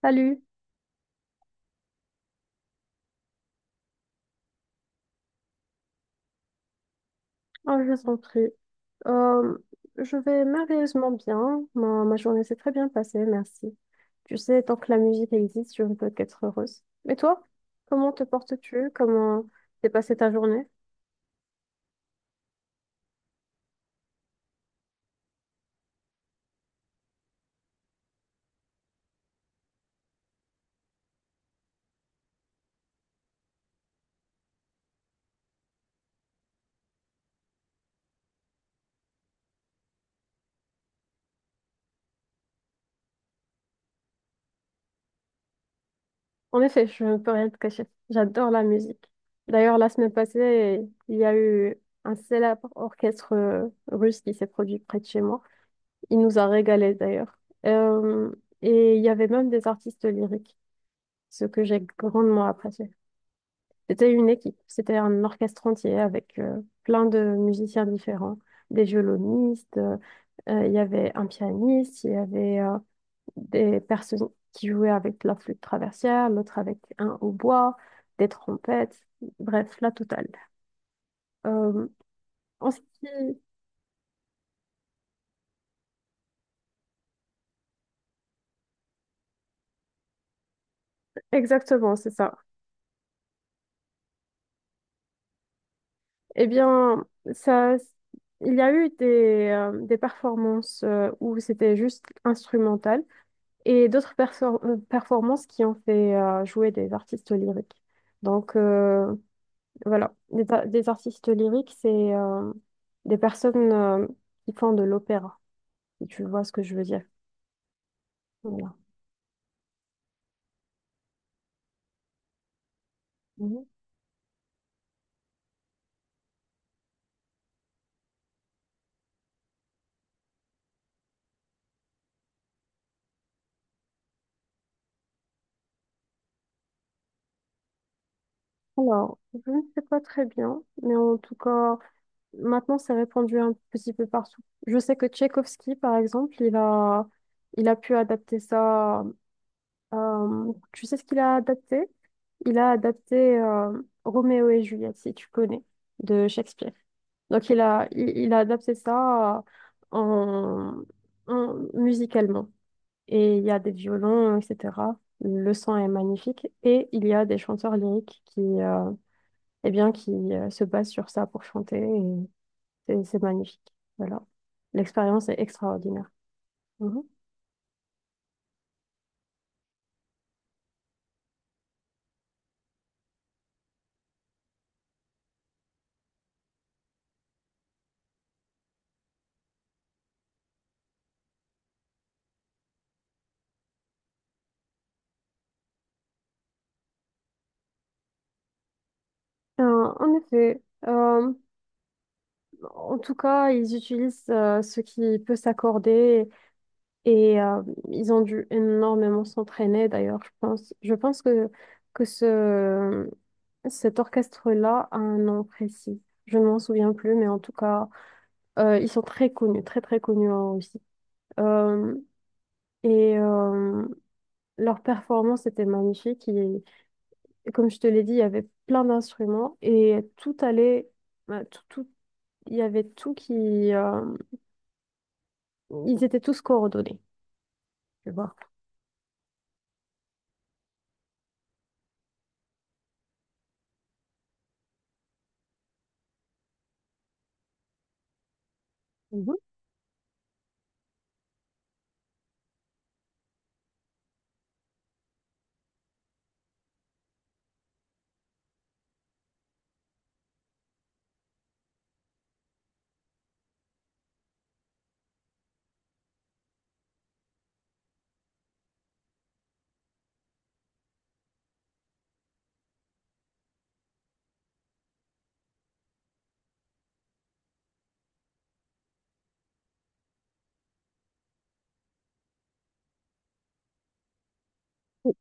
Salut. Oh, je t'en prie. Euh, je vais merveilleusement bien. Ma journée s'est très bien passée, merci. Tu sais, tant que la musique existe, je ne peux qu'être heureuse. Et toi, comment te portes-tu? Comment t'es passée ta journée? En effet, je ne peux rien te cacher. J'adore la musique. D'ailleurs, la semaine passée, il y a eu un célèbre orchestre russe qui s'est produit près de chez moi. Il nous a régalés d'ailleurs. Euh, et il y avait même des artistes lyriques, ce que j'ai grandement apprécié. C'était une équipe, c'était un orchestre entier avec plein de musiciens différents, des violonistes, il y avait un pianiste, il y avait des personnes qui jouaient avec la flûte traversière, l'autre avec un hautbois, des trompettes, bref, la totale. Euh, en ce qui- Exactement, c'est ça. Eh bien, ça, il y a eu des performances où c'était juste instrumental. Et d'autres performances qui ont fait jouer des artistes lyriques. Donc, voilà, des artistes lyriques, c'est euh, des personnes qui font de l'opéra, si tu vois ce que je veux dire. Voilà. Mhm. Alors, je ne sais pas très bien, mais en tout cas, maintenant, c'est répandu un petit peu partout. Je sais que Tchaïkovski, par exemple, il a pu adapter ça. Tu sais ce qu'il a adapté? Il a adapté Roméo et Juliette, si tu connais, de Shakespeare. Donc il a adapté ça en, musicalement. Et il y a des violons, etc. Le son est magnifique. Et il y a des chanteurs lyriques qui, eh bien, qui se basent sur ça pour chanter. Et c'est magnifique. Voilà. L'expérience est extraordinaire. Mhm. En effet, euh, en tout cas, ils utilisent ce qui peut s'accorder et ils ont dû énormément s'entraîner. D'ailleurs, je pense que cet orchestre-là a un nom précis. Je ne m'en souviens plus, mais en tout cas, ils sont très connus, très très connus en Russie. Euh, et leur performance était magnifique. Et comme je te l'ai dit, il y avait plein d'instruments et tout allait, bah, il y avait tout qui, ils étaient tous coordonnés, tu vois. Mhm.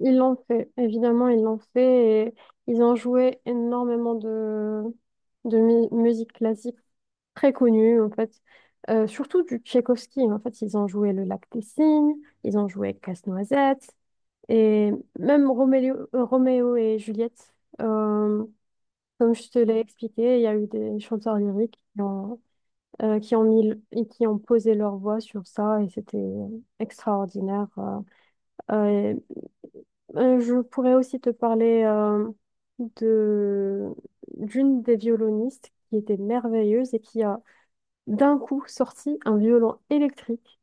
Ils l'ont fait, évidemment, ils l'ont fait et ils ont joué énormément de musique classique très connue, en fait. Surtout du Tchaïkovski, en fait, ils ont joué Le Lac des Cygnes, ils ont joué Casse-Noisette et même Roméo et Juliette. Euh, Comme je te l'ai expliqué, il y a eu des chanteurs lyriques qui ont et qui ont posé leur voix sur ça et c'était extraordinaire. Euh, je pourrais aussi te parler de d'une des violonistes qui était merveilleuse et qui a d'un coup sorti un violon électrique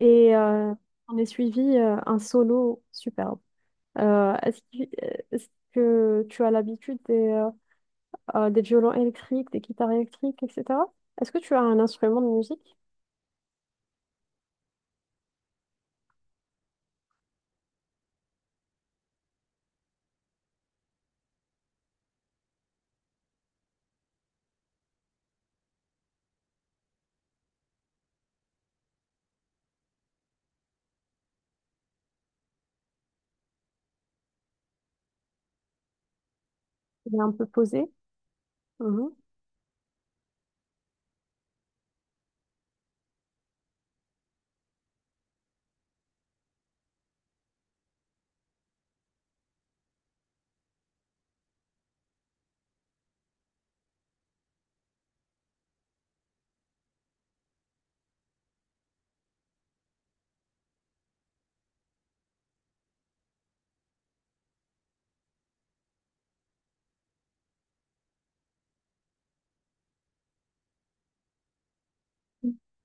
et on est suivi un solo superbe. Euh, est-ce que, est-ce que tu as l'habitude des violons électriques, des guitares électriques, etc. Est-ce que tu as un instrument de musique qui est un peu posé? Mhm.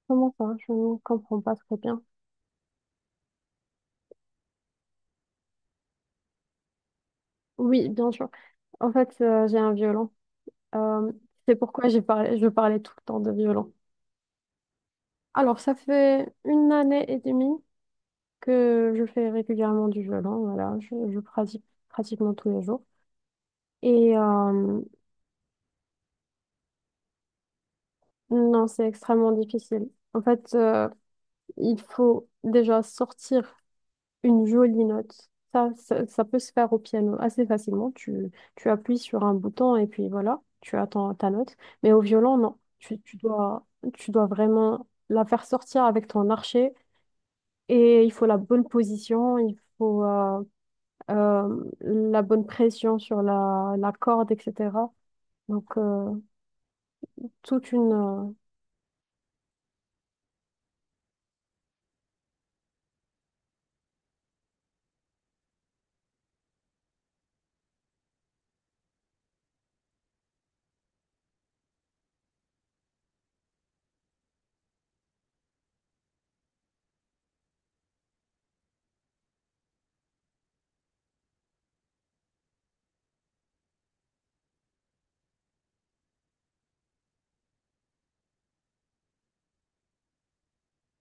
Comment ça? Je ne comprends pas très bien. Oui, bien sûr. En fait, j'ai un violon. Euh, c'est pourquoi je parlais tout le temps de violon. Alors, ça fait une année et demie que je fais régulièrement du violon. Voilà, je pratique pratiquement tous les jours. Et euh, non, c'est extrêmement difficile. En fait, il faut déjà sortir une jolie note. Ça peut se faire au piano assez facilement. Tu appuies sur un bouton et puis voilà, tu attends ta note. Mais au violon, non. Tu dois vraiment la faire sortir avec ton archet et il faut la bonne position, il faut la bonne pression sur la corde, etc. Donc, euh, toute une... euh,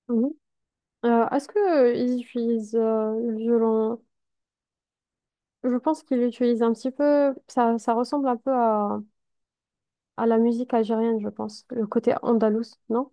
mhm. Est-ce qu'ils utilisent le violon? Je pense qu'ils l'utilisent un petit peu, ça ressemble un peu à la musique algérienne, je pense, le côté andalous, non?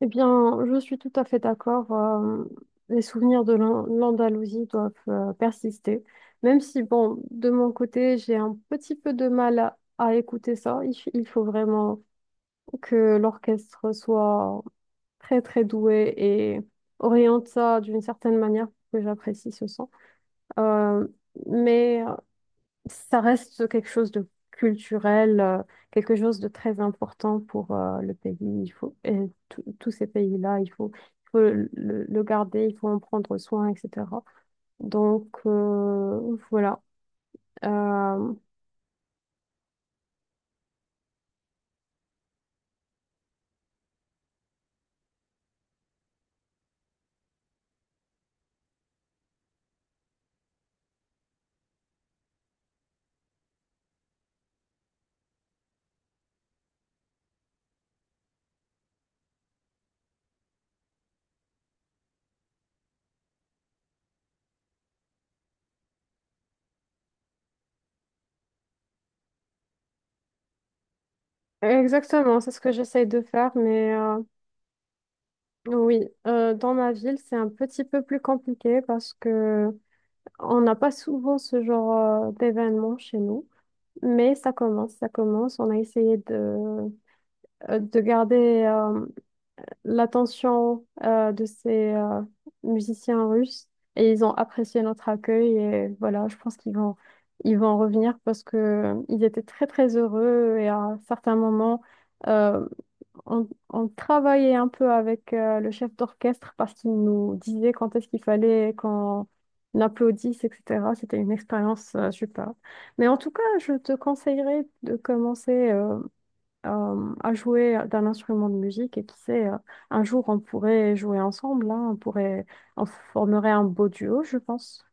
Eh bien, je suis tout à fait d'accord. Les souvenirs de l'Andalousie doivent persister. Même si, bon, de mon côté, j'ai un petit peu de mal à écouter ça. Il faut vraiment que l'orchestre soit très, très doué et oriente ça d'une certaine manière pour que j'apprécie ce son. Euh, mais ça reste quelque chose de culturel, quelque chose de très important pour le pays. Et tous ces pays-là, il faut le garder, il faut en prendre soin, etc. Donc, voilà. Euh, Exactement, c'est ce que j'essaye de faire, mais oui, dans ma ville, c'est un petit peu plus compliqué parce que on n'a pas souvent ce genre d'événement chez nous. Mais ça commence, ça commence. On a essayé de garder euh, l'attention de ces musiciens russes et ils ont apprécié notre accueil et voilà, je pense qu'ils vont revenir parce que ils étaient très très heureux et à certains moments euh, on travaillait un peu avec le chef d'orchestre parce qu'il nous disait quand est-ce qu'il fallait qu'on applaudisse, etc. C'était une expérience super. Mais en tout cas, je te conseillerais de commencer, à jouer d'un instrument de musique et qui sait, un jour on pourrait jouer ensemble, hein, on formerait un beau duo, je pense.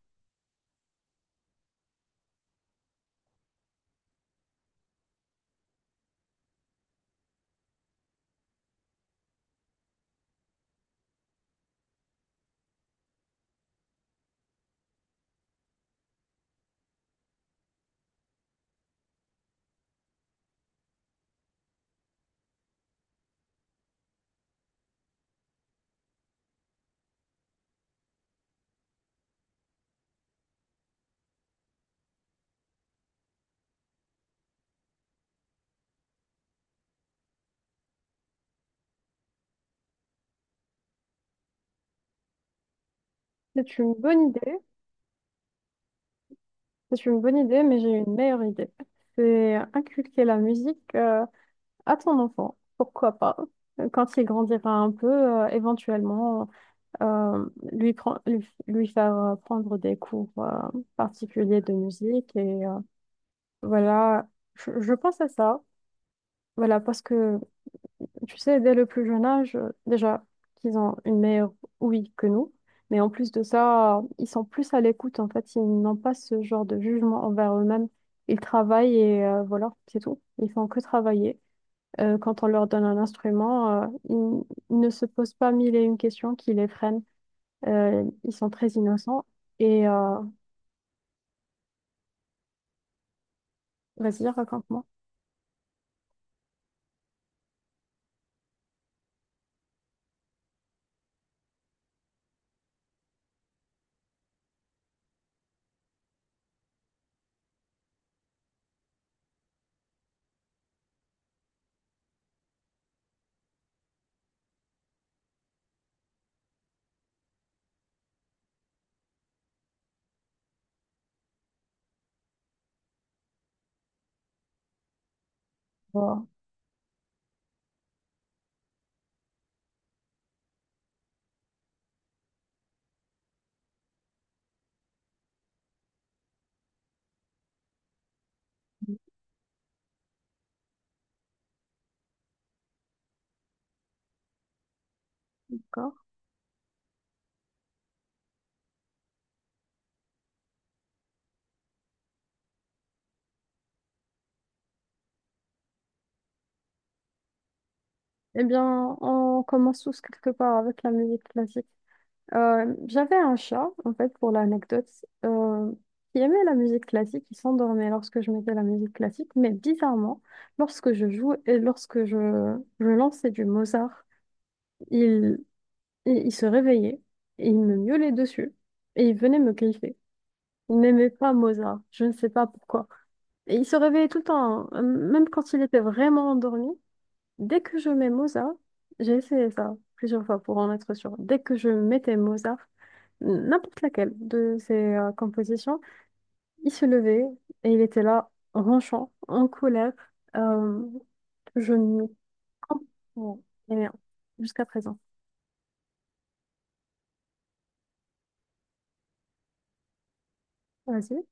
C'est une bonne idée, c'est une bonne idée, mais j'ai une meilleure idée. C'est inculquer la musique à ton enfant, pourquoi pas. Quand il grandira un peu, éventuellement, euh, lui faire prendre des cours particuliers de musique. Et voilà, je pense à ça. Voilà, parce que tu sais, dès le plus jeune âge, déjà, qu'ils ont une meilleure ouïe que nous, mais en plus de ça, ils sont plus à l'écoute, en fait, ils n'ont pas ce genre de jugement envers eux-mêmes. Ils travaillent et voilà, c'est tout. Ils font que travailler. Quand on leur donne un instrument, ils ne se posent pas mille et une questions qui les freinent. Ils sont très innocents. Et vas-y, raconte-moi. Voilà. D'accord. Eh bien, on commence tous quelque part avec la musique classique. J'avais un chat, en fait, pour l'anecdote, euh, qui aimait la musique classique, il s'endormait lorsque je mettais la musique classique, mais bizarrement, lorsque je jouais et lorsque je lançais du Mozart, il, il se réveillait et il me miaulait dessus et il venait me griffer. Il n'aimait pas Mozart, je ne sais pas pourquoi. Et il se réveillait tout le temps, hein, même quand il était vraiment endormi. Dès que je mets Mozart, j'ai essayé ça plusieurs fois pour en être sûre. Dès que je mettais Mozart, n'importe laquelle de ses compositions, il se levait et il était là, ronchant, en colère. Euh, je ne comprends rien jusqu'à présent. Vas-y.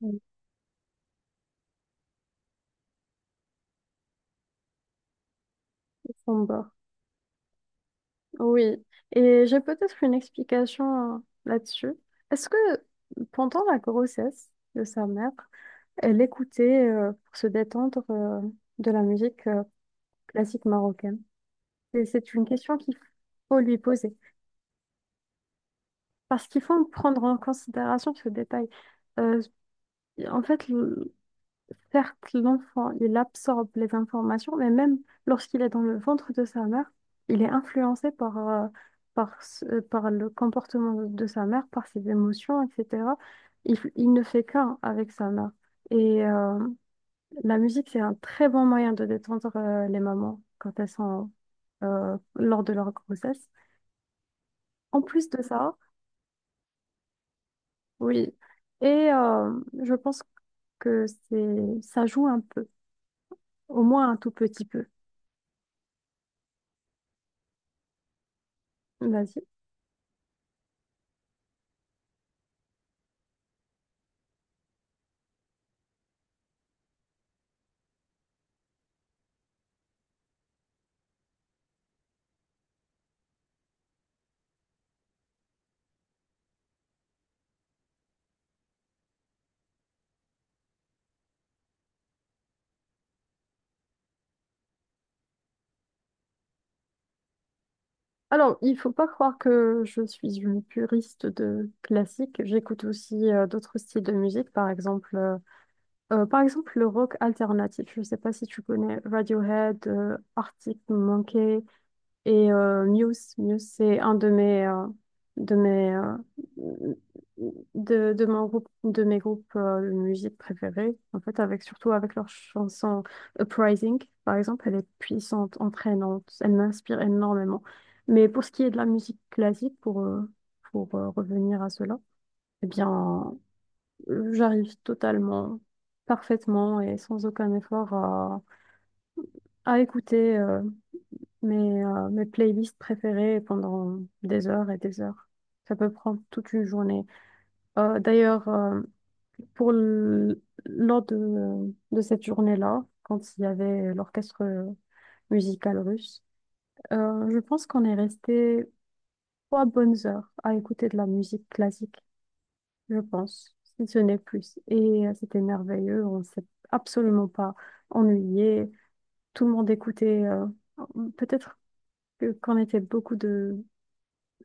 Oui. Sombre. Oui. Et j'ai peut-être une explication là-dessus. Est-ce que pendant la grossesse de sa mère, elle écoutait pour se détendre de la musique classique marocaine. Et c'est une question qu'il faut lui poser. Parce qu'il faut prendre en considération ce détail. Euh, En fait, le- certes, l'enfant, il absorbe les informations, mais même lorsqu'il est dans le ventre de sa mère, il est influencé par le comportement de sa mère, par ses émotions, etc. Il ne fait qu'un avec sa mère. Et la musique, c'est un très bon moyen de détendre les mamans quand elles sont lors de leur grossesse. En plus de ça, oui. Et je pense que c'est ça joue un peu, au moins un tout petit peu. Vas-y. Alors, il faut pas croire que je suis une puriste de classique. J'écoute aussi d'autres styles de musique, par exemple, le rock alternatif. Je sais pas si tu connais Radiohead, Arctic Monkey. Et Muse, Muse, c'est un de mes, de mes, de mon groupe, de mes groupes de musique préférés. En fait, avec surtout avec leur chanson Uprising, par exemple, elle est puissante, entraînante, elle m'inspire énormément. Mais pour ce qui est de la musique classique, pour revenir à cela, eh bien, j'arrive totalement, parfaitement et sans aucun effort à écouter mes playlists préférées pendant des heures et des heures. Ça peut prendre toute une journée. D'ailleurs, pour l- lors de cette journée-là, quand il y avait l'orchestre musical russe, je pense qu'on est resté trois bonnes heures à écouter de la musique classique, je pense, si ce n'est plus. Et c'était merveilleux, on s'est absolument pas ennuyé. Tout le monde écoutait, peut-être qu'on était beaucoup de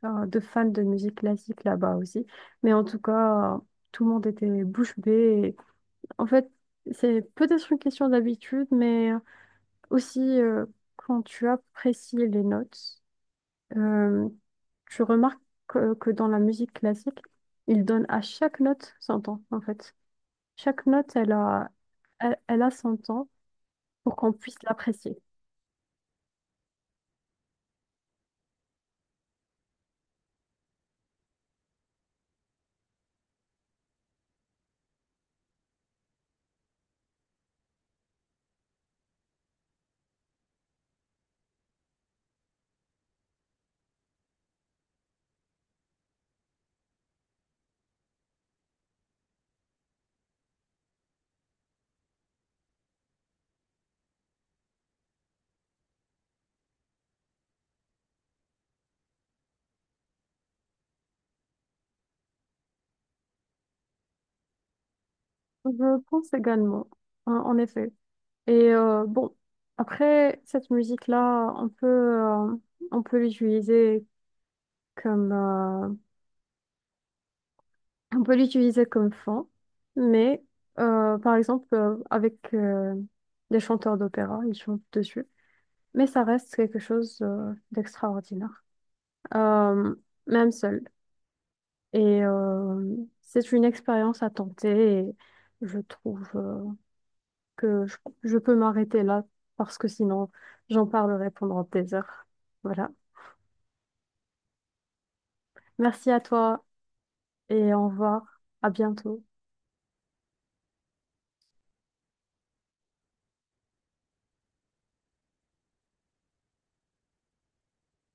euh, de fans de musique classique là-bas aussi. Mais en tout cas, tout le monde était bouche bée. Et en fait, c'est peut-être une question d'habitude, mais aussi quand tu apprécies les notes, euh, tu remarques que dans la musique classique, ils donnent à chaque note son temps, en fait. Chaque note, elle a son temps pour qu'on puisse l'apprécier. Je pense également, en effet. Et bon, après cette musique-là, on peut l'utiliser comme, euh, comme fond, mais par exemple avec des chanteurs d'opéra, ils chantent dessus, mais ça reste quelque chose d'extraordinaire, Euh, même seul. Et c'est une expérience à tenter et je trouve que je peux m'arrêter là parce que sinon j'en parlerai pendant des heures. Voilà. Merci à toi et au revoir. À bientôt.